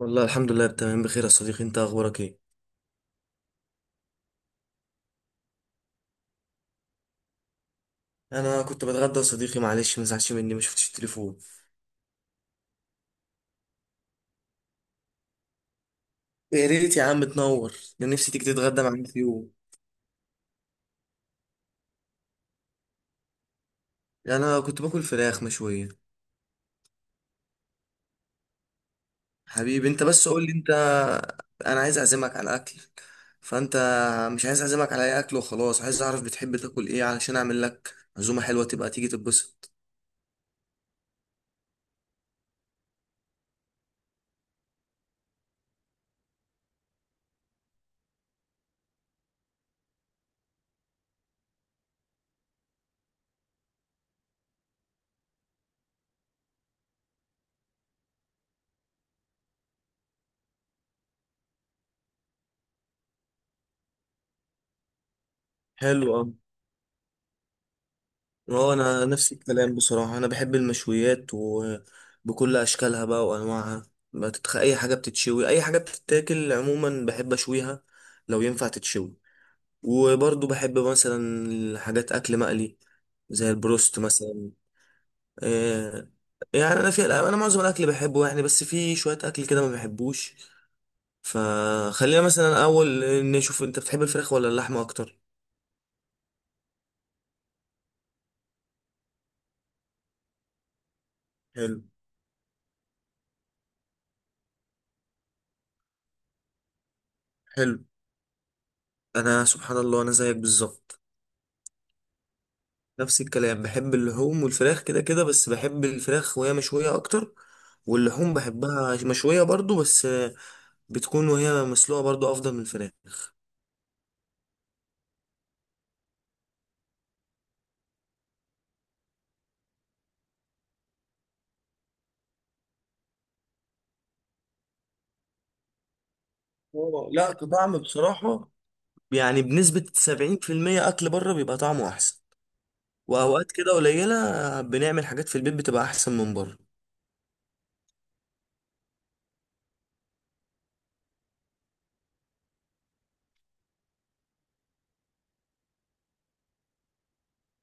والله الحمد لله، تمام، بخير يا صديقي. انت اخبارك ايه؟ انا كنت بتغدى يا صديقي، معلش ما تزعلش مني، ما شفتش التليفون. يا ريت يا عم تنور. ده نفسي تيجي تتغدى معايا في يوم. يعني انا كنت باكل فراخ مشويه. حبيبي، انت بس قول لي انت. انا عايز اعزمك على اكل. فانت مش عايز اعزمك على اي اكل وخلاص، عايز اعرف بتحب تاكل ايه علشان اعمل لك عزومه حلوه تبقى تيجي تتبسط. حلو أوي. اه، انا نفس الكلام بصراحة. انا بحب المشويات وبكل اشكالها بقى وانواعها. اي حاجة بتتشوي، اي حاجة بتتاكل عموما بحب اشويها. لو ينفع تتشوي. وبرضو بحب مثلا حاجات اكل مقلي، زي البروست مثلا. إيه. يعني انا معظم الاكل بحبه يعني، بس في شوية اكل كده ما بحبوش. فخلينا مثلا اول نشوف، انت بتحب الفراخ ولا اللحمة اكتر؟ حلو حلو. انا سبحان الله انا زيك بالظبط. نفس الكلام، بحب اللحوم والفراخ كده كده، بس بحب الفراخ وهي مشوية أكتر. واللحوم بحبها مشوية برضو، بس بتكون وهي مسلوقة برضو أفضل من الفراخ. لا، كطعم بصراحة، يعني بنسبة 70% أكل بره بيبقى طعمه أحسن. وأوقات كده قليلة بنعمل حاجات في البيت بتبقى أحسن من بره.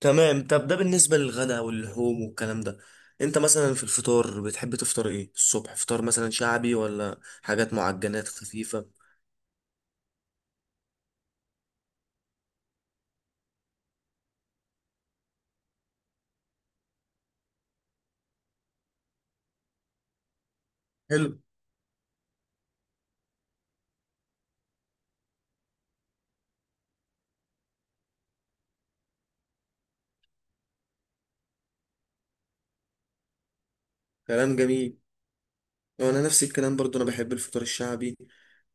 تمام، طب ده بالنسبة للغداء واللحوم والكلام ده. أنت مثلا في الفطار بتحب تفطر إيه الصبح؟ فطار مثلا شعبي ولا حاجات معجنات خفيفة؟ حلو. كلام جميل. انا نفس الكلام برضو، انا بحب الفطار الشعبي.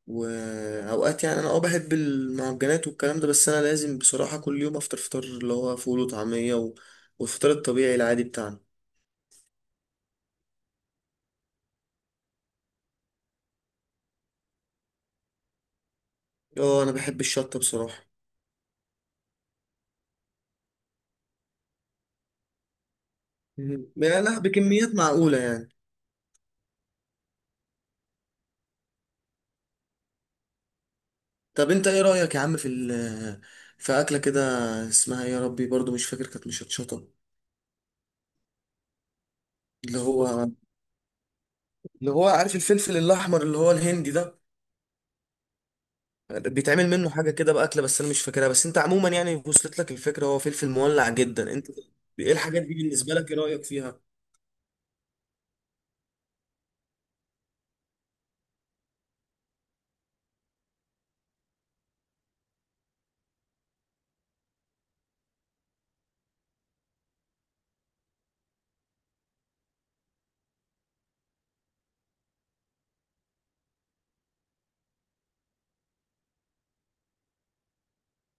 واوقات يعني انا بحب المعجنات والكلام ده، بس انا لازم بصراحة كل يوم افطر فطار اللي هو فول وطعمية والفطار الطبيعي العادي بتاعنا. اه، انا بحب الشطة بصراحة. مهم. يعني لا، بكميات معقولة يعني. طب انت ايه رأيك يا عم في في اكلة كده، اسمها إيه يا ربي، برضو مش فاكر، كانت مشطشطة. اللي هو اللي هو عارف الفلفل الاحمر اللي هو الهندي ده، بيتعمل منه حاجه كده باكله بس انا مش فاكرها، بس انت عموما يعني وصلت لك الفكره، هو فلفل مولع جدا، انت. ايه الحاجات دي بالنسبه لك؟ ايه رايك فيها؟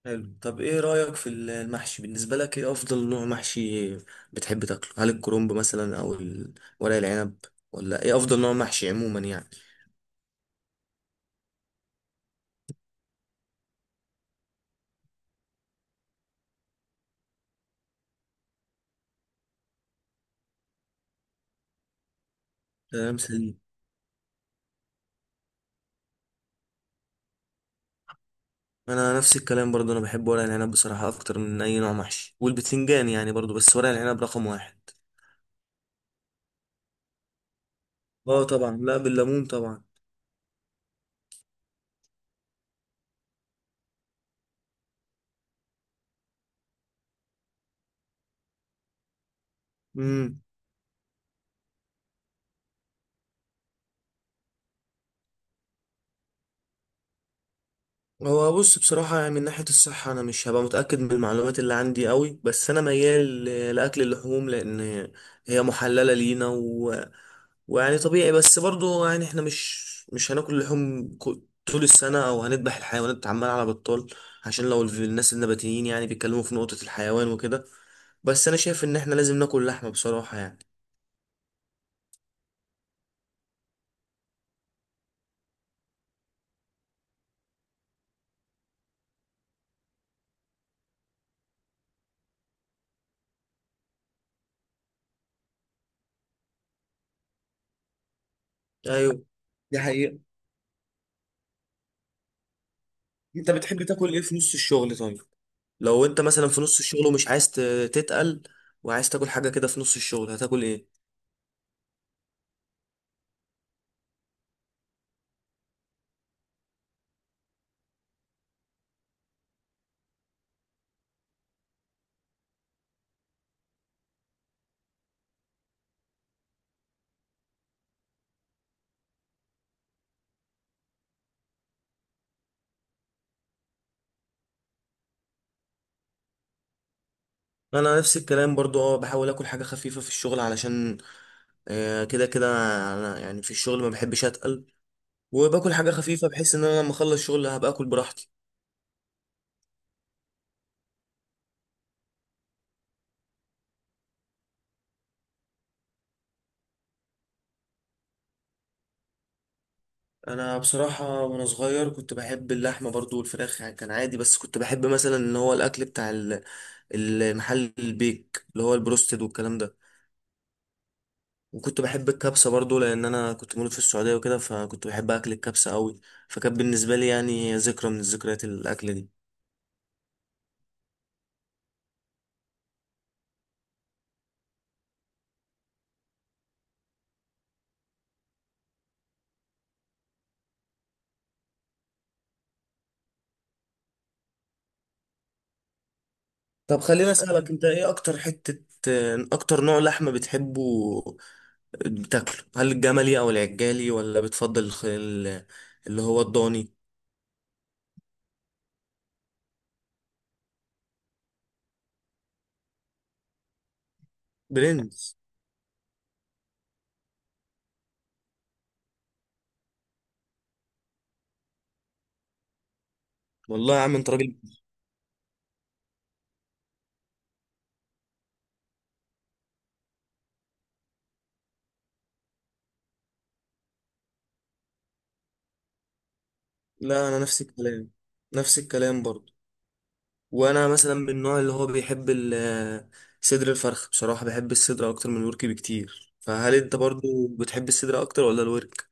حلو، طب ايه رايك في المحشي بالنسبه لك، ايه افضل نوع محشي بتحب تاكله؟ هل الكرنب مثلا او ورق العنب، ولا ايه افضل نوع محشي عموما يعني؟ كلام سليم. انا نفس الكلام برضو، انا بحب ورق العنب بصراحه اكتر من اي نوع محشي، والبتنجان يعني برضو، بس ورق العنب رقم واحد. اه طبعا، لا بالليمون طبعا. امم. هو بص بصراحة، يعني من ناحية الصحة أنا مش هبقى متأكد من المعلومات اللي عندي قوي، بس أنا ميال لأكل اللحوم، لأن هي محللة لينا ويعني طبيعي، بس برضو يعني إحنا مش هناكل لحوم طول السنة، أو هنذبح الحيوانات عمال على بطال. عشان لو الناس النباتيين يعني بيتكلموا في نقطة الحيوان وكده. بس أنا شايف إن إحنا لازم ناكل لحمة بصراحة يعني. أيوه، دي حقيقة. أنت بتحب تاكل إيه في نص الشغل طيب؟ لو انت مثلا في نص الشغل ومش عايز تتقل، وعايز تاكل حاجة كده في نص الشغل، هتاكل ايه؟ انا نفس الكلام برضو، بحاول اكل حاجة خفيفة في الشغل علشان كده كده. انا يعني في الشغل ما بحبش اتقل، وباكل حاجة خفيفة بحيث ان انا لما اخلص شغل هبقى اكل براحتي. انا بصراحة وانا صغير كنت بحب اللحمة برضو والفراخ يعني كان عادي، بس كنت بحب مثلا ان هو الاكل بتاع المحل البيك اللي هو البروستد والكلام ده. وكنت بحب الكبسة برضو، لأن أنا كنت مولود في السعودية وكده، فكنت بحب أكل الكبسة أوي. فكانت بالنسبة لي يعني ذكرى من ذكريات الأكلة دي. طب خليني أسألك أنت، إيه أكتر نوع لحمة بتحبه بتاكله؟ هل الجملي أو العجالي ولا بتفضل اللي هو الضاني؟ برنس. والله يا عم أنت راجل. لا أنا نفس الكلام، نفس الكلام برضو. وانا مثلا من النوع اللي هو بيحب صدر الفرخ، بصراحة بحب الصدر اكتر من الورك بكتير، فهل انت برضو بتحب الصدر اكتر ولا الورك؟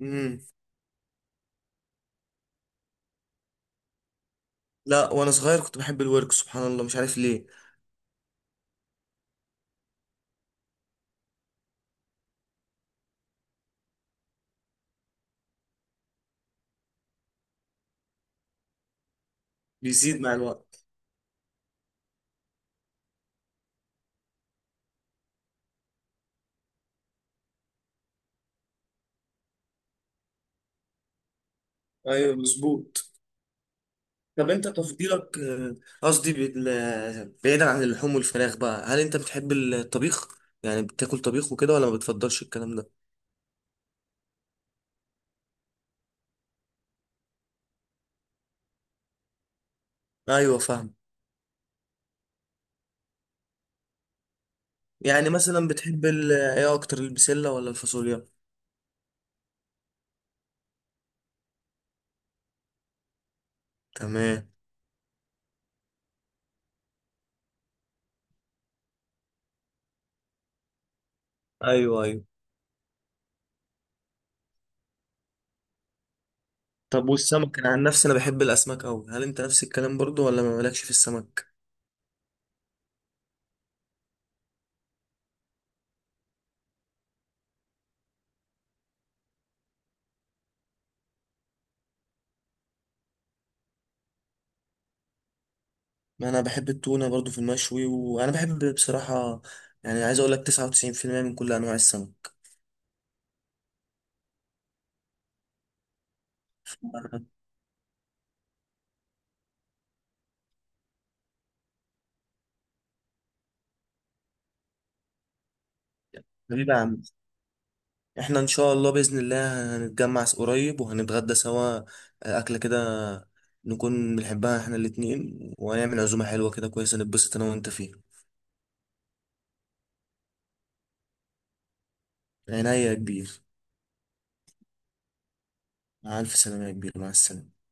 امم. لا، وانا صغير كنت بحب الورك، سبحان الله مش عارف ليه. بيزيد مع الوقت. ايوه مظبوط. طب انت تفضيلك، قصدي بعيدا عن اللحوم والفراخ بقى، هل انت بتحب الطبيخ يعني بتاكل طبيخ وكده ولا ما بتفضلش الكلام ده؟ ايوه، فاهم. يعني مثلا بتحب ايه اكتر، البسلة ولا الفاصوليا؟ تمام. ايوه، ايوه. طب والسمك، انا عن نفسي انا بحب الاسماك قوي، هل انت نفس الكلام برضو ولا ما مالكش في السمك؟ ما انا بحب التونه برضو في المشوي، وانا بحب بصراحه يعني، عايز اقول لك 99% من كل انواع السمك. حبيبي يا عم، احنا ان شاء الله باذن الله هنتجمع قريب وهنتغدى سوا، اكله كده نكون بنحبها احنا الاتنين، وهنعمل عزومه حلوه كده كويسه نتبسط انا وانت فيها. عينيا يا كبير. مع الف سلامه يا كبير، مع السلامه.